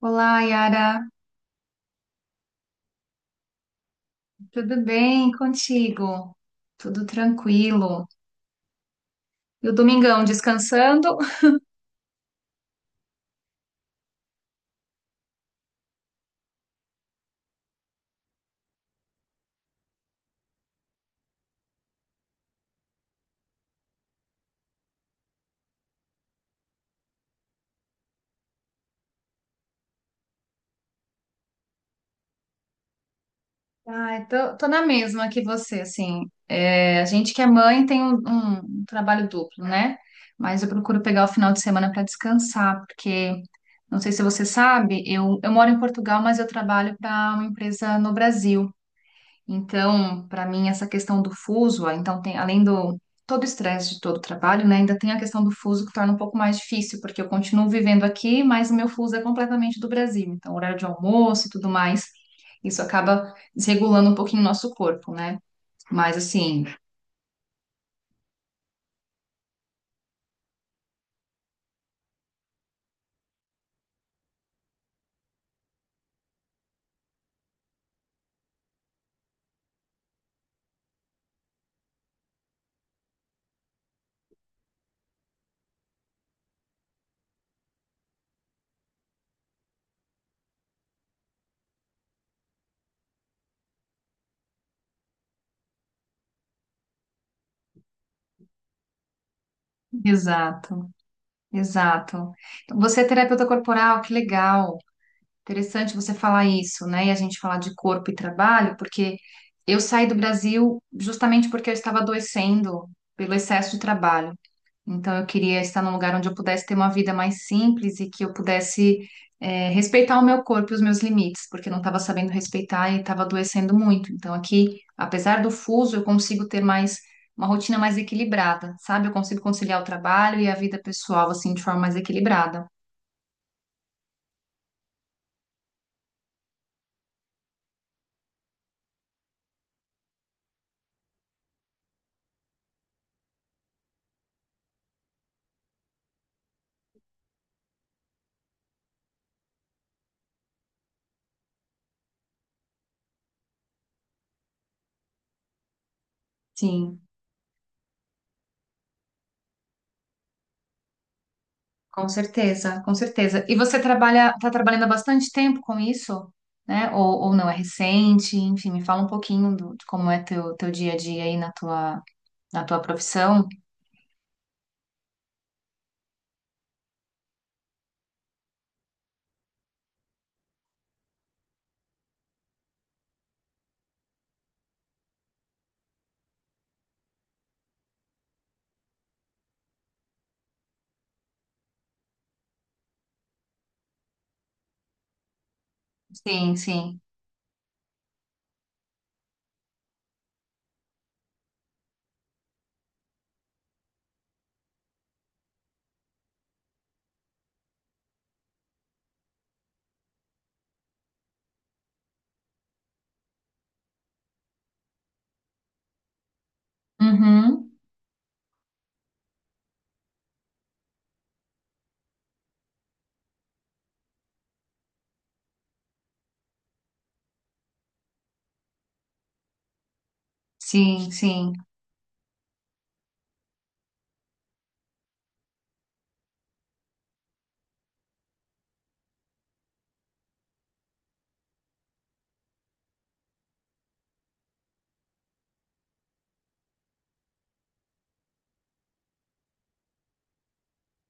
Olá, Yara. Tudo bem contigo? Tudo tranquilo. E o domingão descansando? Tô na mesma que você, assim. É, a gente que é mãe tem um trabalho duplo, né? Mas eu procuro pegar o final de semana para descansar, porque não sei se você sabe, eu moro em Portugal, mas eu trabalho para uma empresa no Brasil. Então, para mim, essa questão do fuso, então tem, além do todo o estresse de todo o trabalho, né, ainda tem a questão do fuso que torna um pouco mais difícil, porque eu continuo vivendo aqui, mas o meu fuso é completamente do Brasil. Então, horário de almoço e tudo mais, isso acaba desregulando um pouquinho o nosso corpo, né? Mas assim, exato, exato. Então, você é terapeuta corporal, que legal. Interessante você falar isso, né? E a gente falar de corpo e trabalho, porque eu saí do Brasil justamente porque eu estava adoecendo pelo excesso de trabalho. Então, eu queria estar num lugar onde eu pudesse ter uma vida mais simples e que eu pudesse, respeitar o meu corpo e os meus limites, porque eu não estava sabendo respeitar e estava adoecendo muito. Então, aqui, apesar do fuso, eu consigo ter mais uma rotina mais equilibrada, sabe? Eu consigo conciliar o trabalho e a vida pessoal, assim, de forma mais equilibrada. Sim. Com certeza, com certeza. E você trabalha, tá trabalhando há bastante tempo com isso, né? Ou não é recente? Enfim, me fala um pouquinho do, de como é teu, teu dia a dia aí na tua profissão. Sim, sim. Uhum. Sim, sim,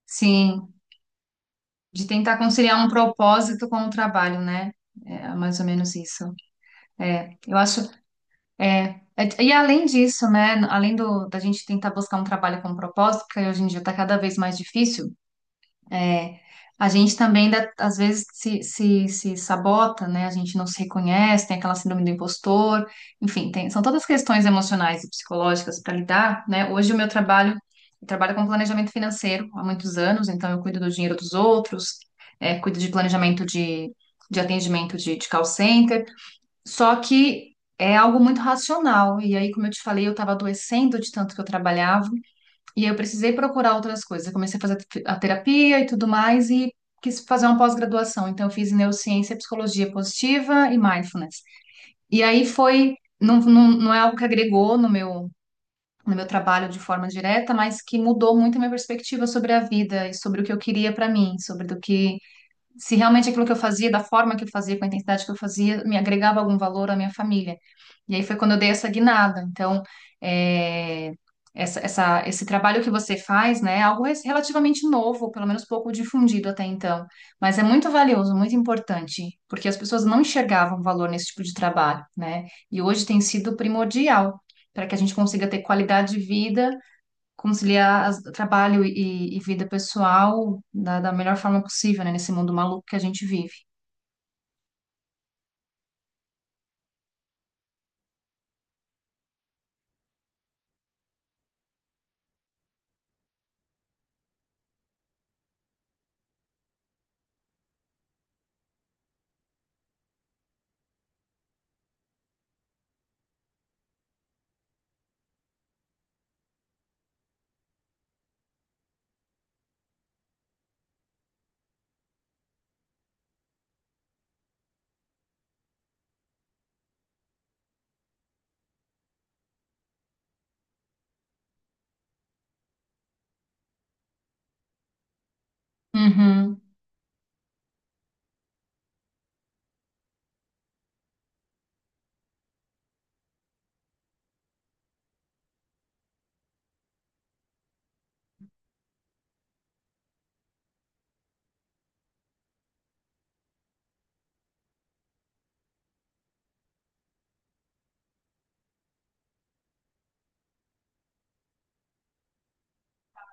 sim. De tentar conciliar um propósito com o trabalho, né? É mais ou menos isso. É, eu acho. É, e além disso, né, além do, da gente tentar buscar um trabalho com propósito, porque hoje em dia está cada vez mais difícil, é, a gente também ainda, às vezes se sabota, né, a gente não se reconhece, tem aquela síndrome do impostor, enfim, são todas questões emocionais e psicológicas para lidar, né, hoje o meu trabalho, eu trabalho com planejamento financeiro há muitos anos, então eu cuido do dinheiro dos outros, é, cuido de planejamento de atendimento de call center, só que é algo muito racional. E aí, como eu te falei, eu estava adoecendo de tanto que eu trabalhava. E aí eu precisei procurar outras coisas. Eu comecei a fazer a terapia e tudo mais. E quis fazer uma pós-graduação. Então, eu fiz neurociência, psicologia positiva e mindfulness. E aí foi. Não é algo que agregou no meu, no meu trabalho de forma direta, mas que mudou muito a minha perspectiva sobre a vida e sobre o que eu queria para mim, sobre do que se realmente aquilo que eu fazia, da forma que eu fazia, com a intensidade que eu fazia, me agregava algum valor à minha família. E aí foi quando eu dei essa guinada. Então, é, essa, esse trabalho que você faz, né, é algo relativamente novo, pelo menos pouco difundido até então, mas é muito valioso, muito importante, porque as pessoas não enxergavam valor nesse tipo de trabalho, né? E hoje tem sido primordial para que a gente consiga ter qualidade de vida conciliar trabalho e vida pessoal da, da melhor forma possível, né? Nesse mundo maluco que a gente vive. Uhum.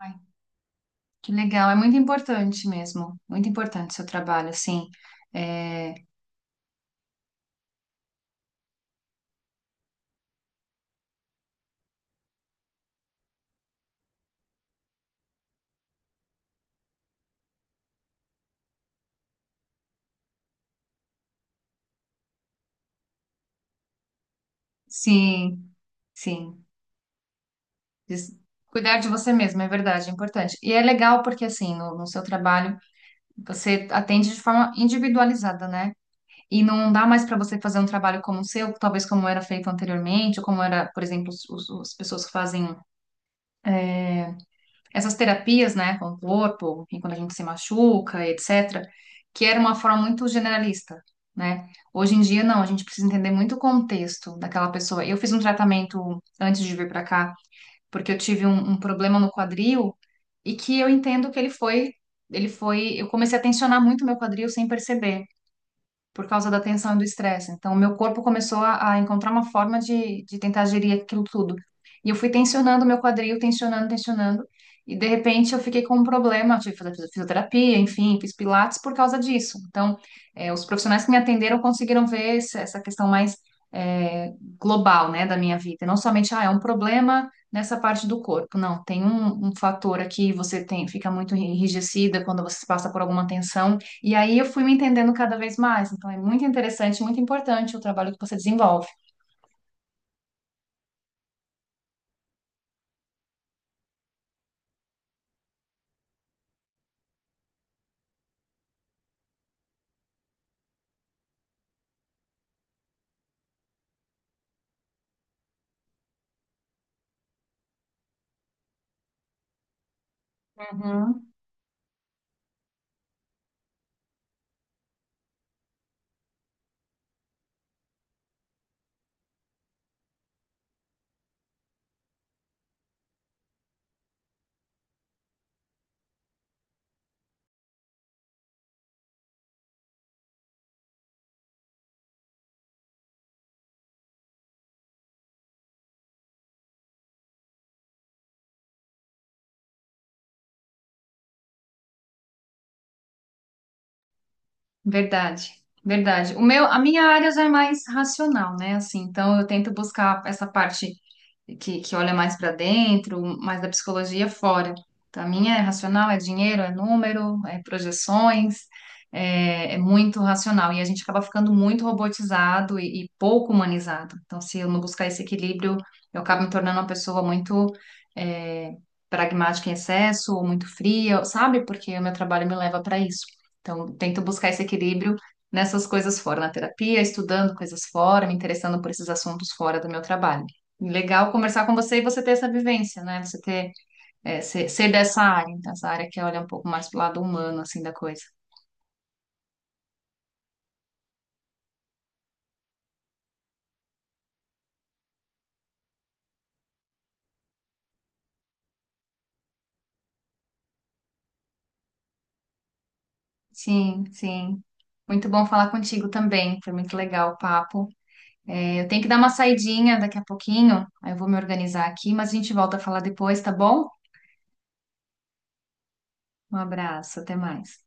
Ai, que legal, é muito importante mesmo, muito importante o seu trabalho, assim. É, sim, sim. Des- Cuidar de você mesmo, é verdade, é importante. E é legal porque, assim, no, no seu trabalho, você atende de forma individualizada, né? E não dá mais para você fazer um trabalho como o seu, talvez como era feito anteriormente, ou como era, por exemplo, os, as pessoas que fazem é, essas terapias, né, com o corpo, enfim, quando a gente se machuca, etc., que era uma forma muito generalista, né? Hoje em dia, não, a gente precisa entender muito o contexto daquela pessoa. Eu fiz um tratamento antes de vir para cá, porque eu tive um, um problema no quadril e que eu entendo que ele foi, eu comecei a tensionar muito meu quadril sem perceber por causa da tensão e do estresse. Então, o meu corpo começou a encontrar uma forma de tentar gerir aquilo tudo. E eu fui tensionando o meu quadril, tensionando, tensionando. E, de repente, eu fiquei com um problema. Eu tive que fazer fisioterapia, enfim, fiz pilates por causa disso. Então, os profissionais que me atenderam conseguiram ver essa questão mais eh, global, né, da minha vida. E não somente, ah, é um problema nessa parte do corpo. Não, tem um, um fator aqui, você tem, fica muito enrijecida quando você passa por alguma tensão. E aí eu fui me entendendo cada vez mais. Então é muito interessante, muito importante o trabalho que você desenvolve. Uhum. Verdade, verdade. O meu, a minha área já é mais racional, né? Assim, então eu tento buscar essa parte que olha mais para dentro, mais da psicologia fora. Então, a minha é racional, é dinheiro, é número, é projeções, é, é muito racional. E a gente acaba ficando muito robotizado e pouco humanizado. Então, se eu não buscar esse equilíbrio, eu acabo me tornando uma pessoa muito é, pragmática em excesso, ou muito fria, sabe? Porque o meu trabalho me leva para isso. Então, tento buscar esse equilíbrio nessas coisas fora, na terapia, estudando coisas fora, me interessando por esses assuntos fora do meu trabalho. E legal conversar com você e você ter essa vivência, né? Você ter, é, ser, ser dessa área, então, essa área que olha um pouco mais pro lado humano, assim, da coisa. Sim, sim. Muito bom falar contigo também. Foi muito legal o papo. É, eu tenho que dar uma saidinha daqui a pouquinho, aí eu vou me organizar aqui, mas a gente volta a falar depois, tá bom? Um abraço, até mais.